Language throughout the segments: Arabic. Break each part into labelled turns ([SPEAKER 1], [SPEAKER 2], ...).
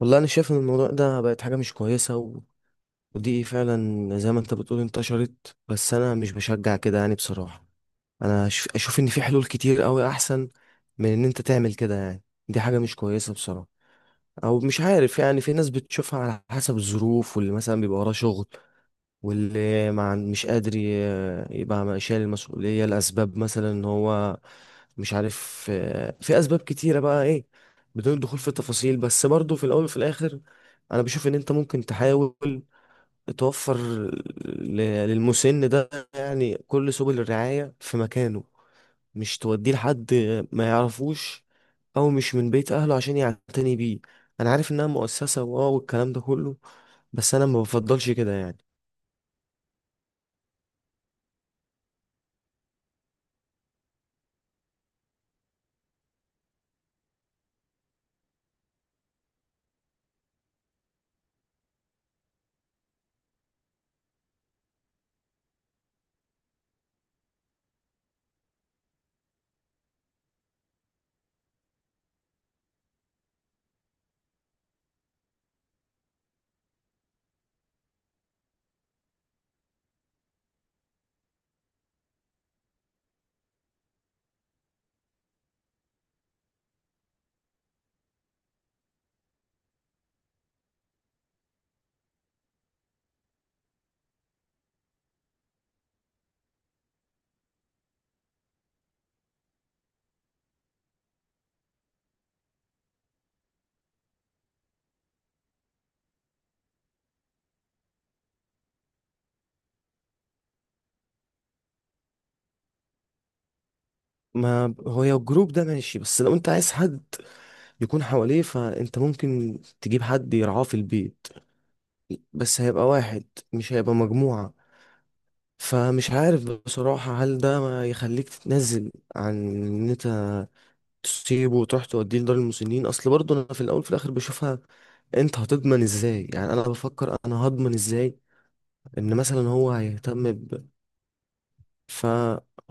[SPEAKER 1] والله انا شايف ان الموضوع ده بقت حاجه مش كويسه ودي فعلا زي ما انت بتقول انتشرت، بس انا مش بشجع كده يعني بصراحه. انا اشوف ان في حلول كتير قوي احسن من ان انت تعمل كده يعني. دي حاجه مش كويسه بصراحه. او مش عارف، يعني في ناس بتشوفها على حسب الظروف، واللي مثلا بيبقى وراه شغل، واللي ما عن- مش قادر يبقى شايل المسؤولية لأسباب، مثلا إن هو مش عارف. في أسباب كتيرة بقى إيه، بدون الدخول في التفاصيل. بس برضو في الأول وفي الآخر، أنا بشوف إن أنت ممكن تحاول توفر للمسن ده يعني كل سبل الرعاية في مكانه، مش توديه لحد ما يعرفوش، أو مش من بيت أهله، عشان يعتني بيه. أنا عارف إنها مؤسسة والكلام ده كله، بس أنا ما بفضلش كده يعني. ما هو يا الجروب ده ماشي، بس لو انت عايز حد يكون حواليه فانت ممكن تجيب حد يرعاه في البيت. بس هيبقى واحد، مش هيبقى مجموعة. فمش عارف بصراحة، هل ده ما يخليك تتنازل عن ان انت تسيبه وتروح توديه لدار المسنين؟ اصل برضه انا في الاول وفي الاخر بشوفها، انت هتضمن ازاي؟ يعني انا بفكر انا هضمن ازاي ان مثلا هو هيهتم. ف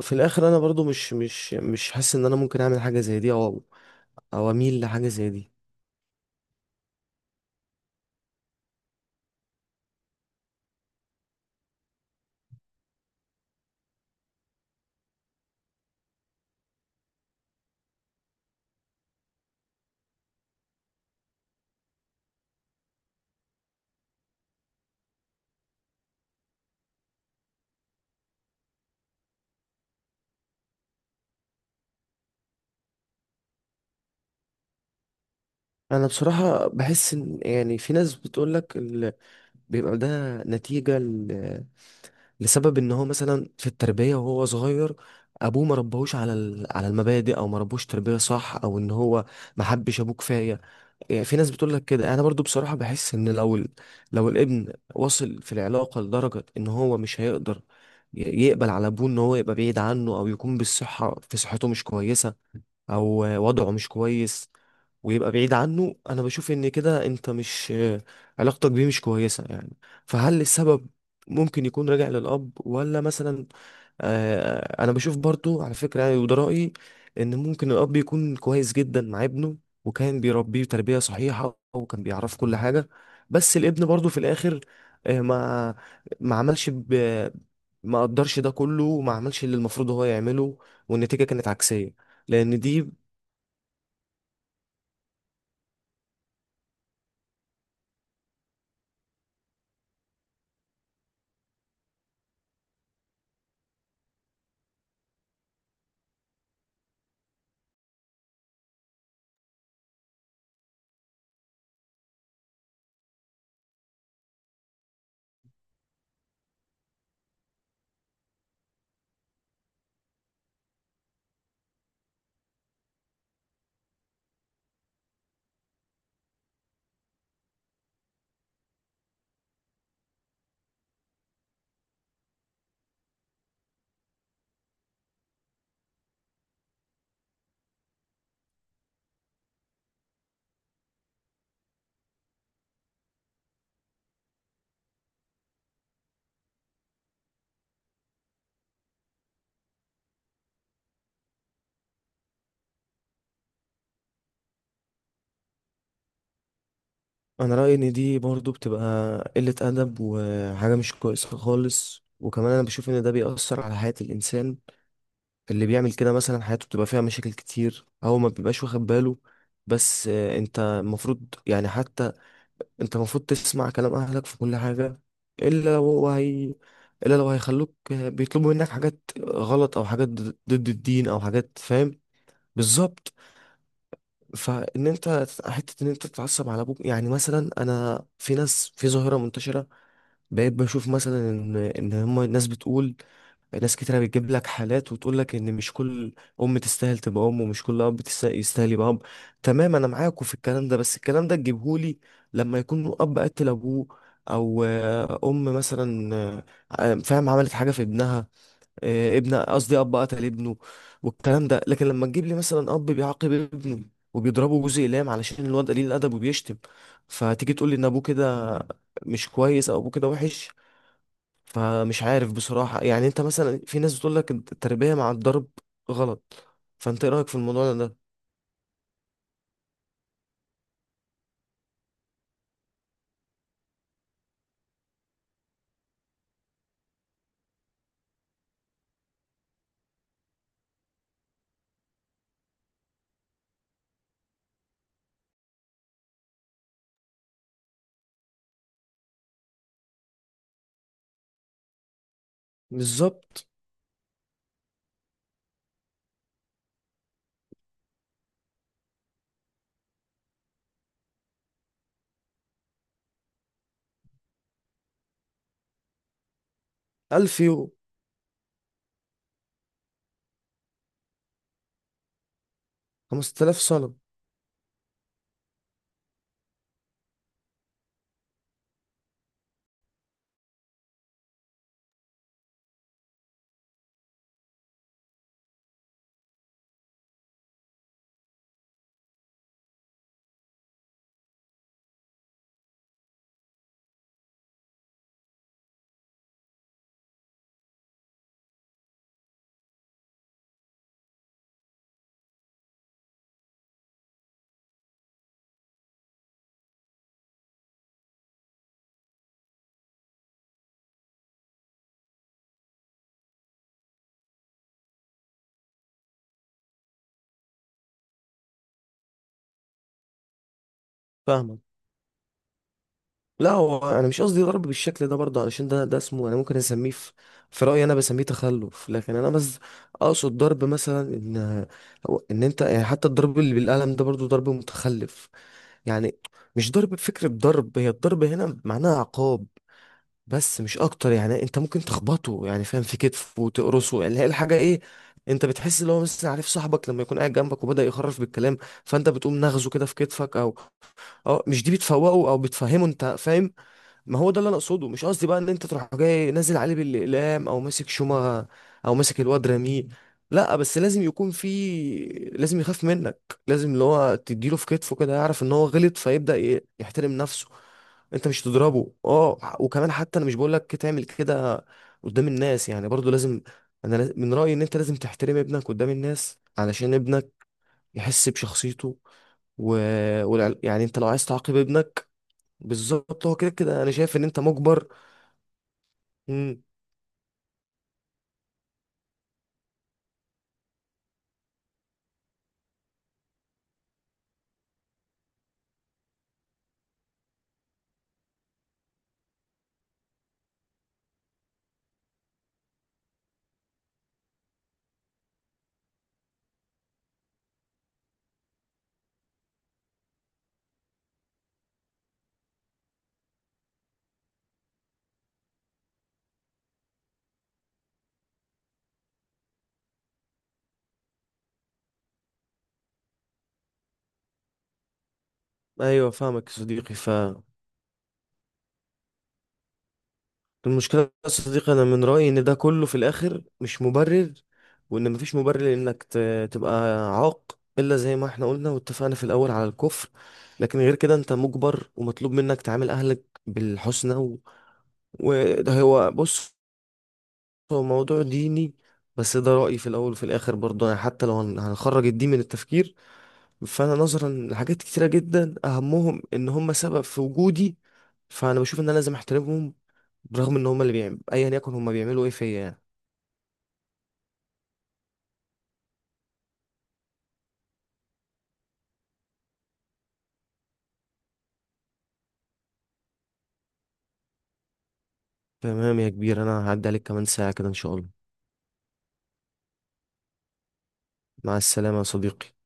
[SPEAKER 1] في الاخر انا برضو مش حاسس ان انا ممكن اعمل حاجه زي دي، او اميل لحاجه زي دي. انا بصراحه بحس ان يعني في ناس بتقول لك بيبقى ده نتيجه لسبب ان هو مثلا في التربيه وهو صغير، ابوه ما ربهوش على على المبادئ، او ما ربهوش تربيه صح، او ان هو ما حبش ابوه كفايه. يعني في ناس بتقول لك كده. انا برضو بصراحه بحس ان لو لو الابن وصل في العلاقه لدرجه ان هو مش هيقدر ي- يقبل على ابوه ان هو يبقى بعيد عنه، او يكون بالصحه في صحته مش كويسه، او وضعه مش كويس، ويبقى بعيد عنه، انا بشوف ان كده انت مش علاقتك بيه مش كويسة يعني. فهل السبب ممكن يكون راجع للاب ولا مثلا؟ انا بشوف برضو على فكرة، يعني وده رأيي، ان ممكن الاب يكون كويس جدا مع ابنه، وكان بيربيه تربية صحيحة وكان بيعرف كل حاجة، بس الابن برضو في الاخر ما ما عملش ب... ما قدرش ده كله وما عملش اللي المفروض هو يعمله، والنتيجة كانت عكسية. لان دي. انا رايي ان دي برضو بتبقى قله ادب وحاجه مش كويسه خالص، وكمان انا بشوف ان ده بيأثر على حياه الانسان اللي بيعمل كده، مثلا حياته بتبقى فيها مشاكل كتير، او ما بيبقاش واخد باله. بس انت المفروض يعني، حتى انت المفروض تسمع كلام اهلك في كل حاجه، الا لو هو هي الا لو هيخلوك بيطلبوا منك حاجات غلط او حاجات ضد الدين، او حاجات فاهم. بالظبط. فان انت حته ان انت تتعصب على ابوك، يعني مثلا انا في ناس في ظاهره منتشره بقيت بشوف، مثلا ان هم الناس بتقول، ناس كتيره بتجيب لك حالات وتقول لك ان مش كل ام تستاهل تبقى ام، ومش كل اب يستاهل يبقى اب. تمام، انا معاكم في الكلام ده، بس الكلام ده تجيبهولي لما يكون اب قتل ابوه، او ام مثلا فاهم عملت حاجه في ابنها، ابن، قصدي اب قتل ابنه، والكلام ده. لكن لما تجيب لي مثلا اب بيعاقب ابنه وبيضربه جوز اقلام علشان الواد قليل الادب وبيشتم، فتيجي تقول لي ان ابوه كده مش كويس او ابوه كده وحش. فمش عارف بصراحة. يعني انت مثلا في ناس بتقول لك التربية مع الضرب غلط. فانت ايه رأيك في الموضوع ده؟ بالظبط. 1000 يورو. 5000 صنم. فاهمك. لا، هو انا مش قصدي ضرب بالشكل ده برضه، علشان ده اسمه، انا ممكن اسميه في رأيي انا بسميه تخلف. لكن انا بس اقصد ضرب مثلا ان انت، يعني حتى الضرب اللي بالقلم ده برضه ضرب متخلف يعني. مش ضرب بفكرة، ضرب، هي الضرب هنا معناها عقاب بس مش اكتر. يعني انت ممكن تخبطه يعني، فاهم، في كتفه وتقرصه، يعني هي الحاجه ايه، انت بتحس اللي هو مثلا، عارف صاحبك لما يكون قاعد جنبك وبدا يخرف بالكلام، فانت بتقوم نغزه كده في كتفك او اه، مش دي بتفوقه او بتفهمه، انت فاهم. ما هو ده اللي انا اقصده. مش قصدي بقى ان انت تروح جاي نازل عليه بالاقلام، او ماسك شومة او ماسك الواد راميه. لا، بس لازم يكون في، لازم يخاف منك، لازم اللي هو تديله في كتفه كده يعرف ان هو غلط، فيبدأ يحترم نفسه. انت مش تضربه اه. وكمان حتى انا مش بقول لك تعمل كده قدام الناس، يعني برضو لازم، من رأيي ان انت لازم تحترم ابنك قدام الناس علشان ابنك يحس بشخصيته و... يعني انت لو عايز تعاقب ابنك. بالظبط، هو كده كده انا شايف ان انت مجبر. امم ايوه، فاهمك يا صديقي. فالمشكله يا صديقي انا من رايي ان ده كله في الاخر مش مبرر، وان مفيش مبرر انك تبقى عاق، الا زي ما احنا قلنا واتفقنا في الاول على الكفر. لكن غير كده انت مجبر ومطلوب منك تعامل اهلك بالحسنى وده هو. بص، هو موضوع ديني، بس ده رأيي. في الأول وفي الآخر برضه، يعني حتى لو هنخرج الدين من التفكير، فأنا نظرا لحاجات كتيرة جدا أهمهم إن هم سبب في وجودي، فانا بشوف ان انا لازم احترمهم، برغم ان هما اللي بيعملوا ايا يكن هما بيعملوا ايه فيا يعني. تمام يا كبير، انا هعدي عليك كمان ساعة كده ان شاء الله. مع السلامة يا صديقي.